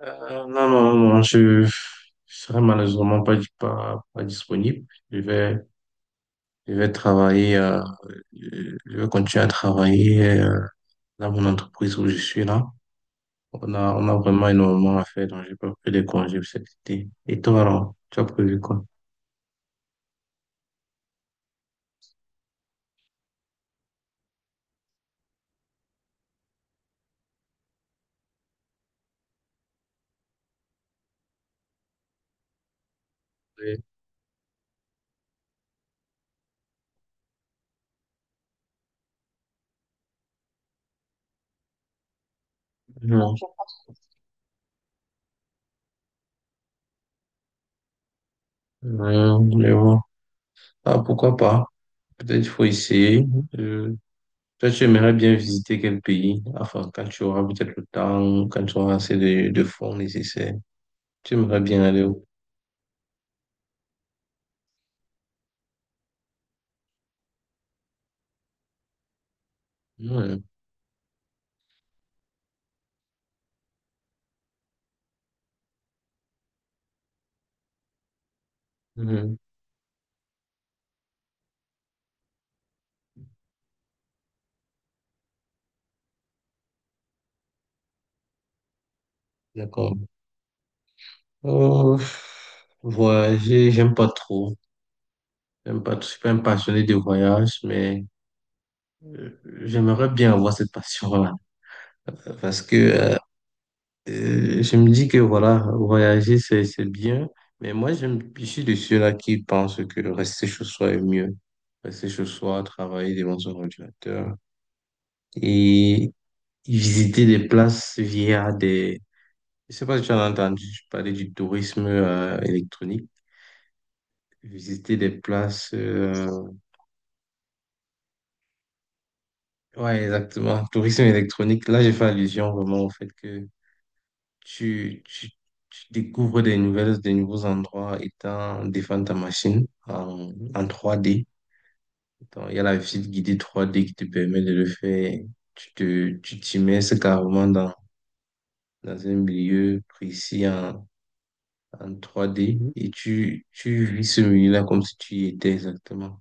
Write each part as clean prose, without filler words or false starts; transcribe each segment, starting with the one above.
Non, non, non, je serai malheureusement pas disponible. Je vais travailler, je vais continuer à travailler dans mon entreprise où je suis là. On a vraiment énormément à faire, donc j'ai pas pris de congés pour cet été. Et toi, alors, tu as prévu quoi? Oui. Non. Mais bon. Ah, pourquoi pas? Peut-être il faut essayer. Euh, Toi, tu aimerais bien visiter quel pays? Enfin, quand tu auras peut-être le temps, quand tu auras assez de fonds nécessaires. Tu aimerais bien aller où? Ouais. Mhm. D'accord. Euh, Voyager, j'aime pas trop. J'aime pas, je suis pas un passionné de voyage, mais euh, j'aimerais bien avoir cette passion-là. Parce que je me dis que voilà, voyager, c'est bien. Mais moi, j'aime, je suis de ceux-là qui pensent que rester chez soi est mieux. Rester chez soi, travailler devant son ordinateur et visiter des places via des. Je ne sais pas si tu en as entendu parler du tourisme électronique, visiter des places. Ouais, exactement. Tourisme électronique. Là, j'ai fait allusion vraiment au fait que tu, tu, tu découvres des nouvelles, des nouveaux endroits étant défendre ta machine en trois d. Donc, il y a la visite guidée trois d qui te permet de le faire. Tu t'immerses carrément dans, dans un milieu précis en trois d et tu vis ce milieu-là comme si tu y étais exactement.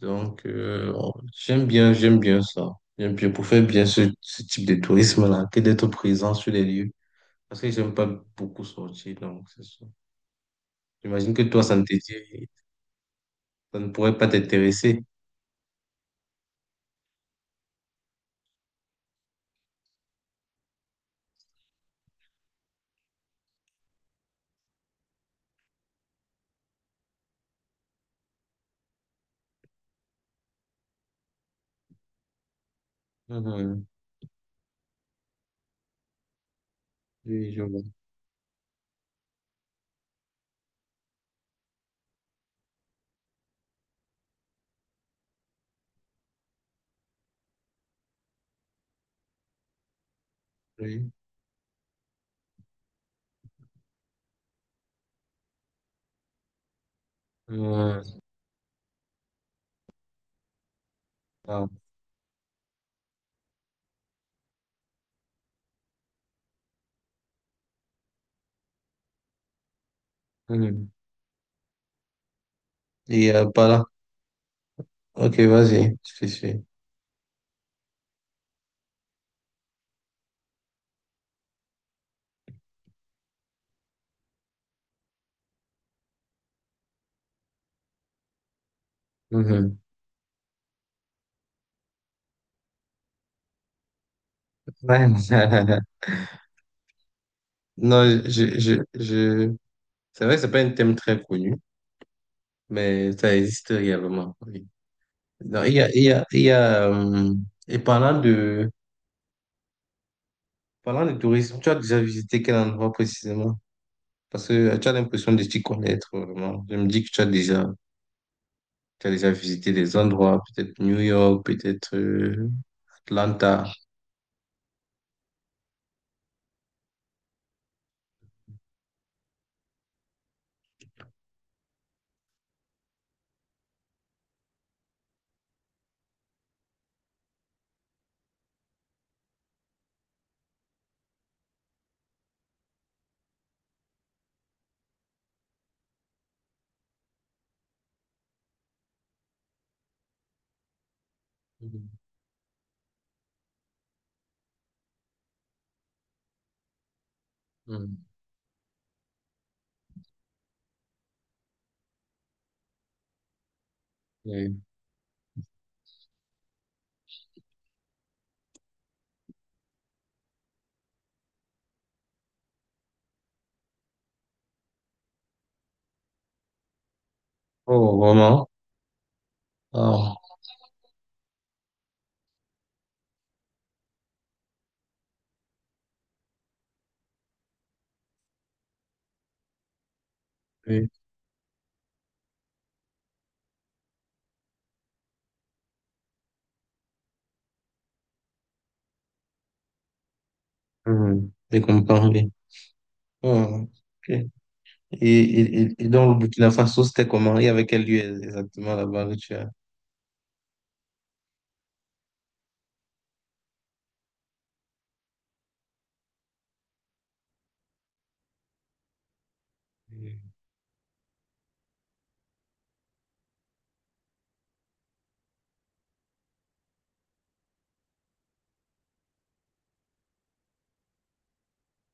Donc, j'aime bien ça. J'aime bien pour faire bien ce type de tourisme-là, que d'être présent sur les lieux. Parce que j'aime pas beaucoup sortir, donc c'est ça. J'imagine que toi, ça ne pourrait pas t'intéresser. Mhm. Oui, je vois. Oui. Mhm. Ah. Mhm. Et pas là. Ok, vas-y, je te suis. Mhm. Ouais. Non, je... C'est vrai que c'est pas un thème très connu, mais ça existe réellement. Oui. Non, il y a, et parlant de tourisme, tu as déjà visité quel endroit précisément? Parce que tu as l'impression de t'y connaître vraiment. Je me dis que tu as déjà visité des endroits, peut-être New York, peut-être Atlanta. Mhm. Mhm. Oui. Oh, vraiment? Ah, oui. Mhm. Je comprends, oui. Ah, ok. Et dans le Burkina Faso, c'était comment? Il y avait quel lieu exactement là-bas que tu as?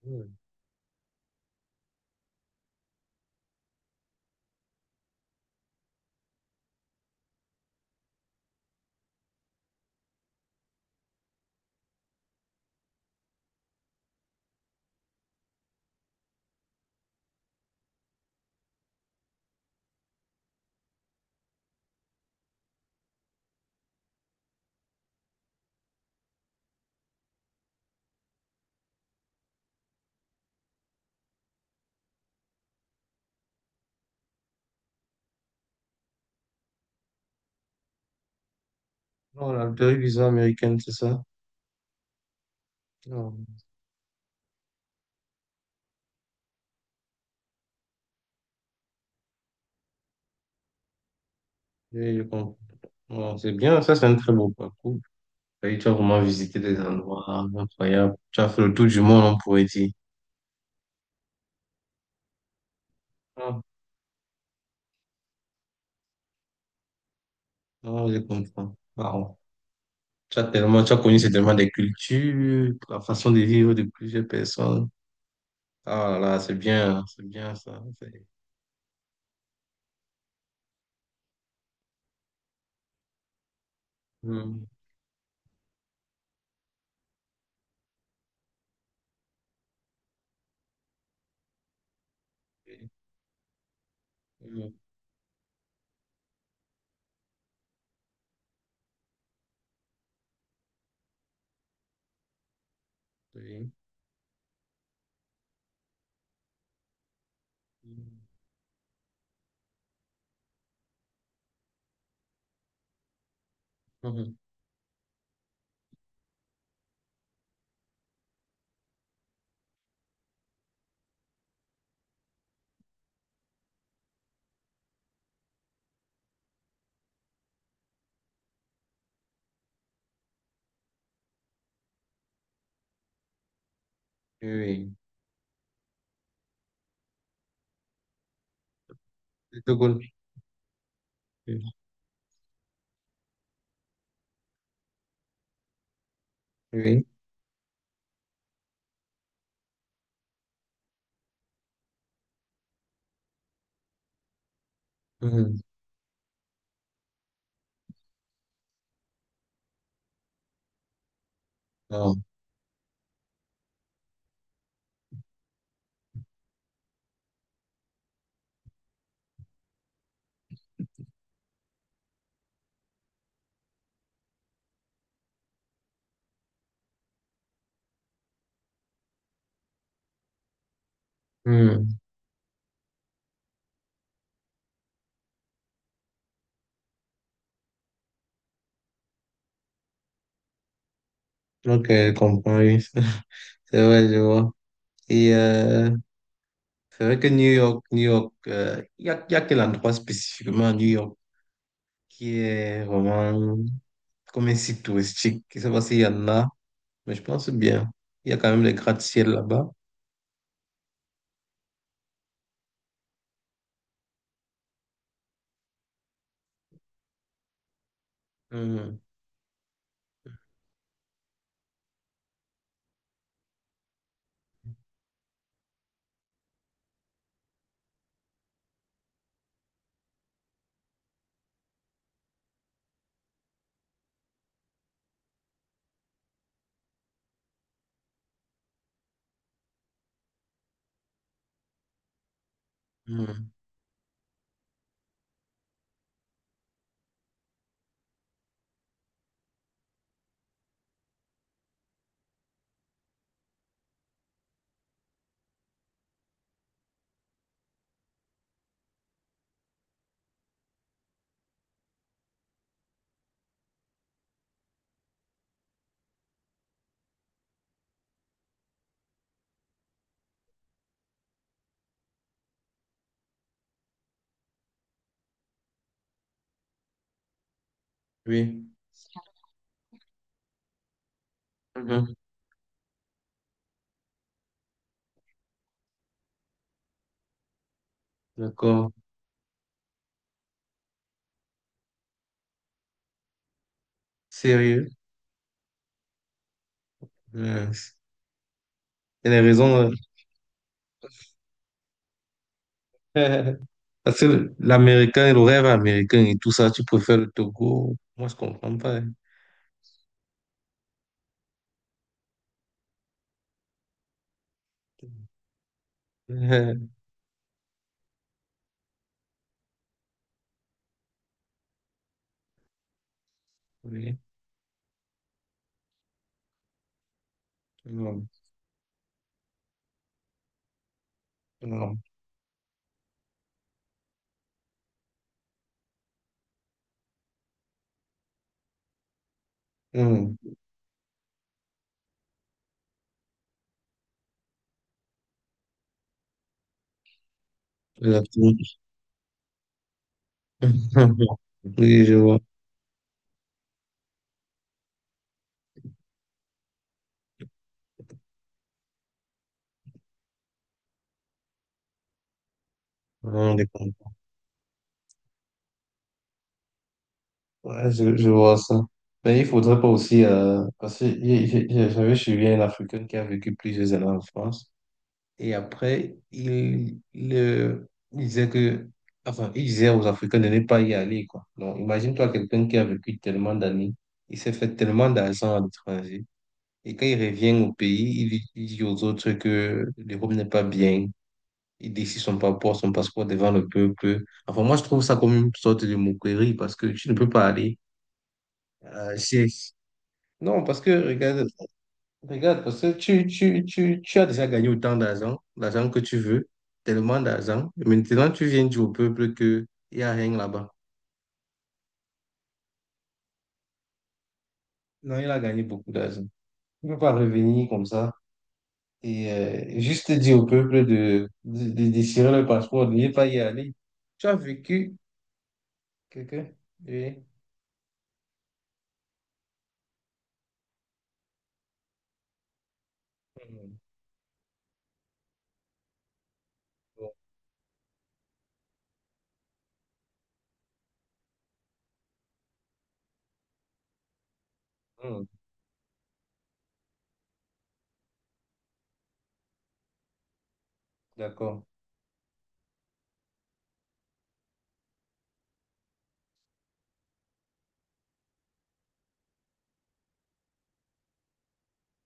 Mhm. Non, la visa américaine, c'est ça? Oui, je comprends. Bon, c'est bien, ça c'est un très beau parcours. Et tu as vraiment visité des endroits incroyables. Tu as fait le tour du monde, on pourrait dire. Ah, non, je comprends. Wow. Tu as tellement, tu as connu certainement des cultures, la façon de vivre de plusieurs personnes. Ah là, là, c'est bien ça. Hum, Oui, hum, oui, hum, hum, oui. Oui. C'est tout cool. Oui. Oui. Hum, ah, hum. Ok, je comprends, oui. C'est vrai, je vois. Et c'est vrai que New York, New York, il y a quel endroit spécifiquement à New York qui est vraiment comme un site touristique. Je ne sais pas s'il y en a, mais je pense bien. Il y a quand même des gratte-ciel là-bas. Hum, hum, oui, mhm. D'accord. Sérieux? Hum. Il y a des raisons. euh. Parce que l'américain, le rêve américain et tout ça, tu préfères le Togo. Moi, je comprends pas, hein. Oui. Non. Non. Hum. Oui, je vois. Non, les comptes. Ouais, je vois ça. Mais il faudrait pas aussi, parce que j'avais suivi un Africain qui a vécu plusieurs années en France. Et après, il disait que, enfin, il disait aux Africains de ne pas y aller, quoi. Donc, imagine-toi quelqu'un qui a vécu tellement d'années, il s'est fait tellement d'argent à l'étranger. Et quand il revient au pays, il dit aux autres que l'Europe n'est pas bien, il décide son passeport devant le peuple. Enfin, moi, je trouve ça comme une sorte de moquerie parce que tu ne peux pas aller euh, chez- non, parce que regarde, regarde, parce que tu as déjà gagné autant d'argent, l'argent que tu veux, tellement d'argent. Et maintenant, tu viens dire au peuple qu'il n'y a rien là-bas. Non, il a gagné beaucoup d'argent. Il ne peut pas revenir comme ça et juste dire au peuple de déchirer le passeport, de ne pas y aller. Tu as vécu quelqu'un? Oui. Mhm. D'accord.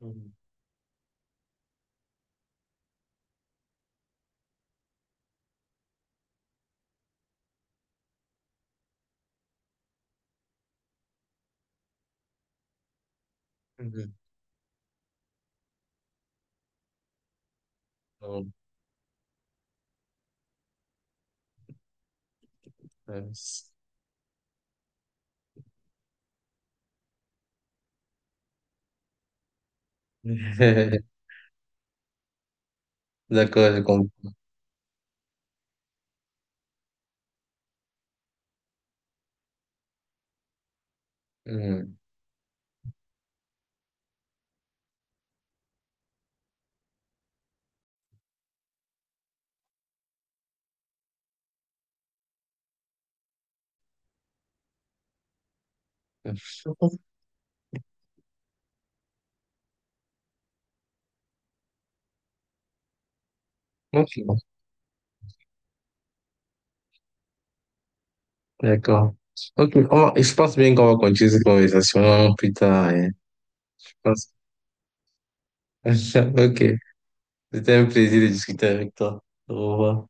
Mhm. Mhm. Bon, c'est- D'accord, je comprends. Mhm. Ok, d'accord. Ok, et je pense bien qu'on va continuer cette conversation plus tard, hein. Je pense. Ok, c'était un plaisir de discuter avec toi. Au revoir.